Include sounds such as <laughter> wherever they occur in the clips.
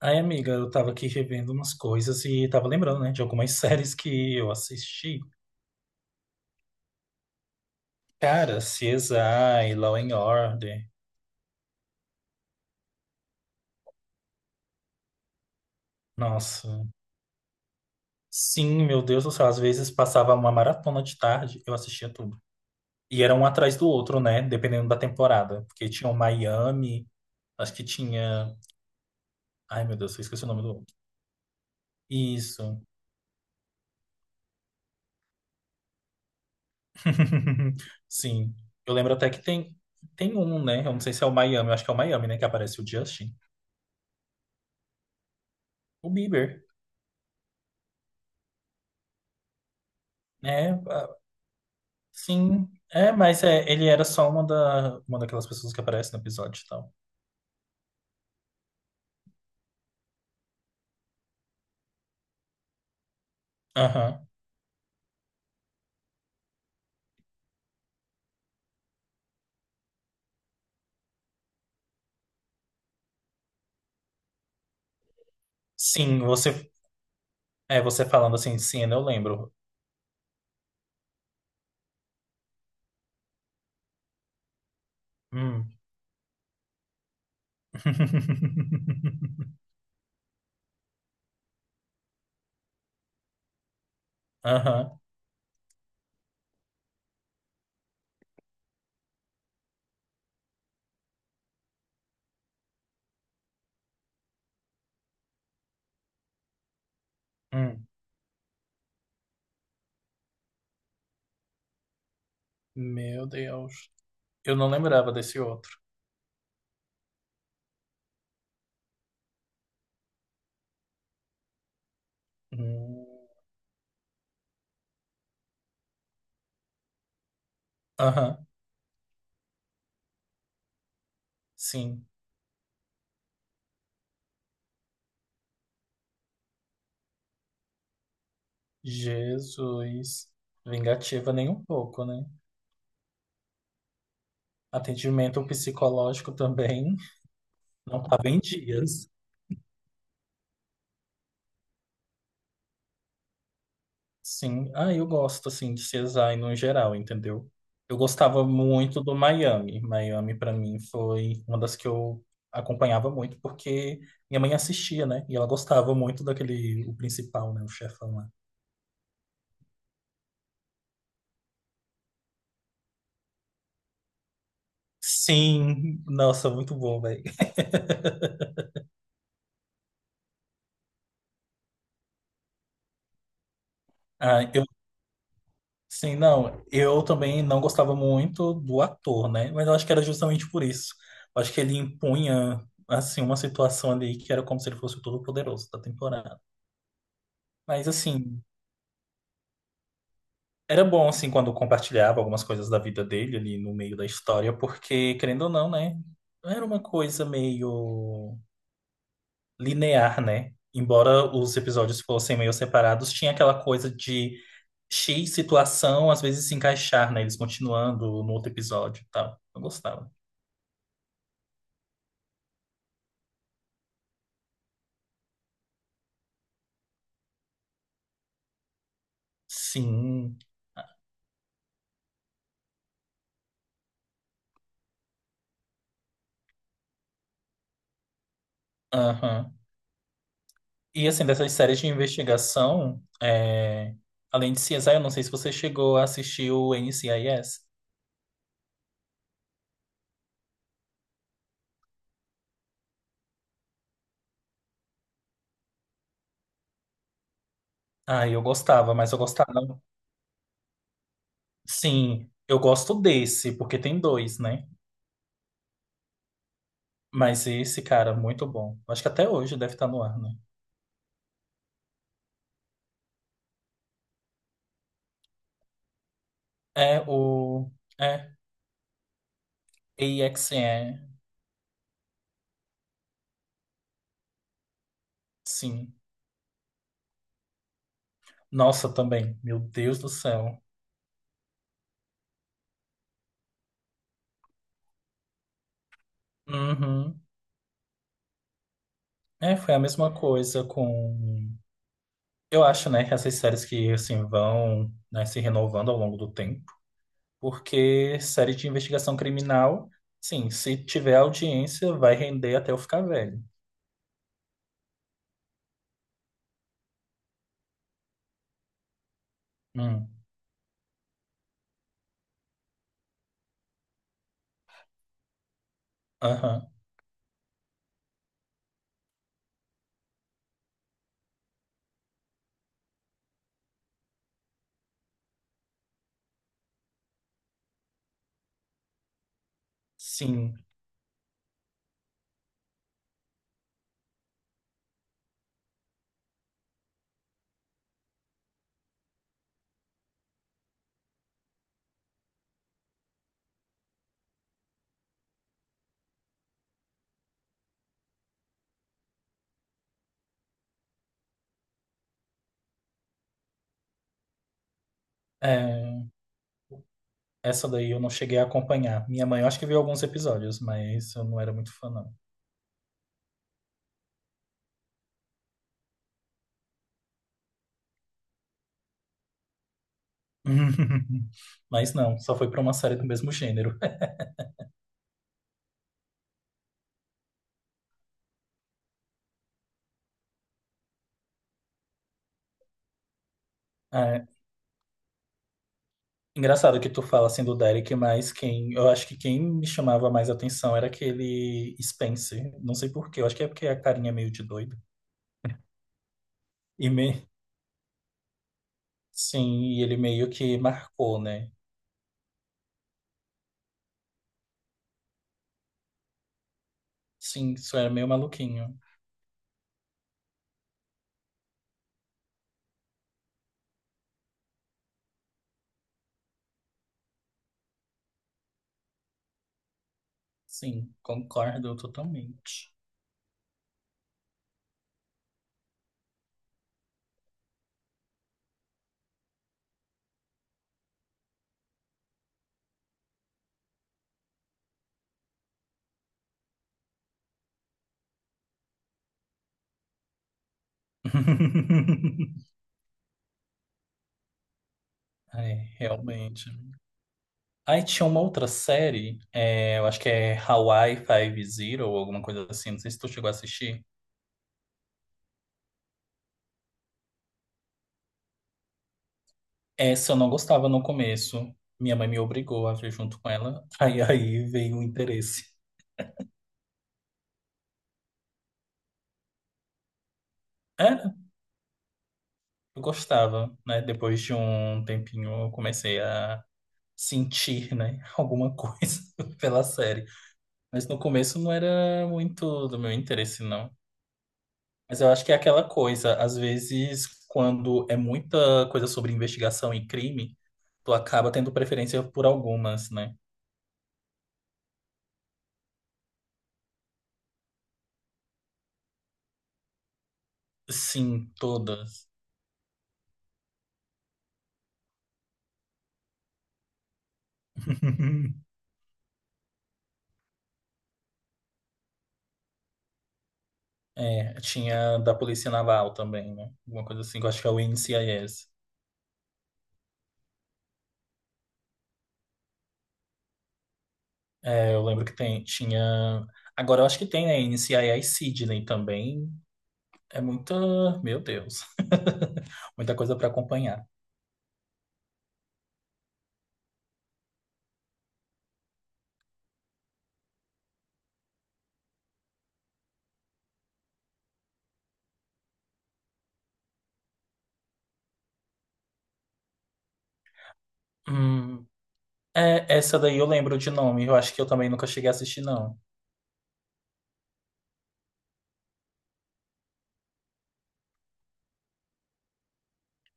Aí, amiga, eu tava aqui revendo umas coisas e tava lembrando, né, de algumas séries que eu assisti. Cara, CSI, Law and Order. Nossa. Sim, meu Deus do céu, às vezes passava uma maratona de tarde, eu assistia tudo. E era um atrás do outro, né, dependendo da temporada. Porque tinha o Miami, acho que tinha... Ai, meu Deus, eu esqueci o nome do outro. Isso. <laughs> Sim. Eu lembro até que tem um, né, eu não sei se é o Miami, eu acho que é o Miami, né, que aparece o Justin. O Bieber, né? Sim, é, mas é, ele era só uma daquelas pessoas que aparece no episódio e tal. Aham. Sim, você falando assim, sim, eu lembro. Hum. <laughs> Aham. Hum. Meu Deus. Eu não lembrava desse outro. Hum. Aham. Sim. Jesus. Vingativa nem um pouco, né? Atendimento psicológico também não tava em dias. Sim, ah, eu gosto assim de CSI no geral, entendeu? Eu gostava muito do Miami. Miami pra mim foi uma das que eu acompanhava muito porque minha mãe assistia, né? E ela gostava muito daquele o principal, né, o chefão lá. Sim, nossa, muito bom, velho. <laughs> Ah, eu sim, não, eu também não gostava muito do ator, né? Mas eu acho que era justamente por isso. Eu acho que ele impunha assim uma situação ali que era como se ele fosse o todo-poderoso da temporada. Mas assim, era bom, assim, quando compartilhava algumas coisas da vida dele ali no meio da história, porque, querendo ou não, né? Era uma coisa meio linear, né? Embora os episódios fossem meio separados, tinha aquela coisa de X situação às vezes se encaixar, né? Eles continuando no outro episódio e tal. Eu gostava. Sim, aham. E, assim, dessas séries de investigação, é, além de CSI, eu não sei se você chegou a assistir o NCIS. Ah, eu gostava, mas eu gostava. Sim, eu gosto desse, porque tem dois, né? Mas esse, cara, muito bom. Acho que até hoje deve estar no ar, né? É o. É, AXN, sim. Nossa, também. Meu Deus do céu. Uhum. É, foi a mesma coisa com. Eu acho, né, que essas séries que, assim, vão, né, se renovando ao longo do tempo. Porque série de investigação criminal, sim, se tiver audiência, vai render até eu ficar velho. Hum. Aham. Sim. É. Essa daí eu não cheguei a acompanhar. Minha mãe, eu acho que viu alguns episódios, mas eu não era muito fã, não. <laughs> Mas não, só foi pra uma série do mesmo gênero. <laughs> É, engraçado que tu fala assim do Derek, mas quem, eu acho que quem me chamava mais atenção era aquele Spencer. Não sei por quê, eu acho que é porque a carinha é meio de doido. E me, sim, e ele meio que marcou, né? Sim, isso era meio maluquinho. Sim, concordo totalmente. <laughs> É, realmente. Aí tinha uma outra série, é, eu acho que é Hawaii Five-0 ou alguma coisa assim, não sei se tu chegou a assistir. Essa eu não gostava no começo, minha mãe me obrigou a ver junto com ela, <laughs> aí veio o interesse. Era, eu gostava, né? Depois de um tempinho eu comecei a sentir, né, <laughs> alguma coisa <laughs> pela série. Mas no começo não era muito do meu interesse, não. Mas eu acho que é aquela coisa, às vezes, quando é muita coisa sobre investigação e crime, tu acaba tendo preferência por algumas, né? Sim, todas. <laughs> É, tinha da Polícia Naval também, né? Alguma coisa assim, que eu acho que é o NCIS. É, eu lembro que tem, tinha. Agora eu acho que tem, né? NCIS Sydney também. É muita. Meu Deus. Muita coisa para acompanhar. Hum, é, essa daí eu lembro de nome. Eu acho que eu também nunca cheguei a assistir, não.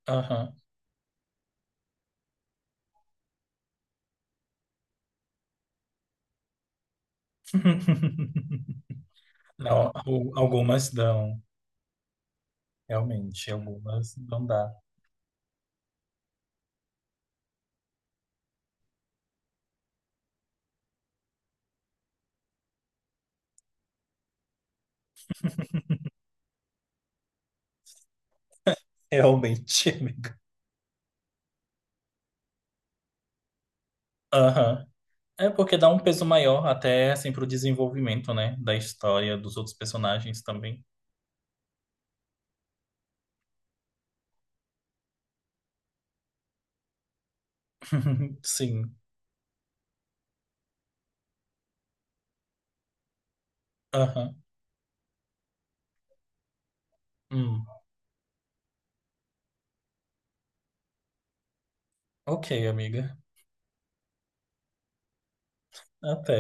Aham. <laughs> Não, algumas dão. Realmente, algumas não dá. Realmente, <laughs> amiga. Aham. É porque dá um peso maior até assim pro desenvolvimento, né? Da história, dos outros personagens também. <laughs> Sim. Aham. Hum. Ok, amiga. Até.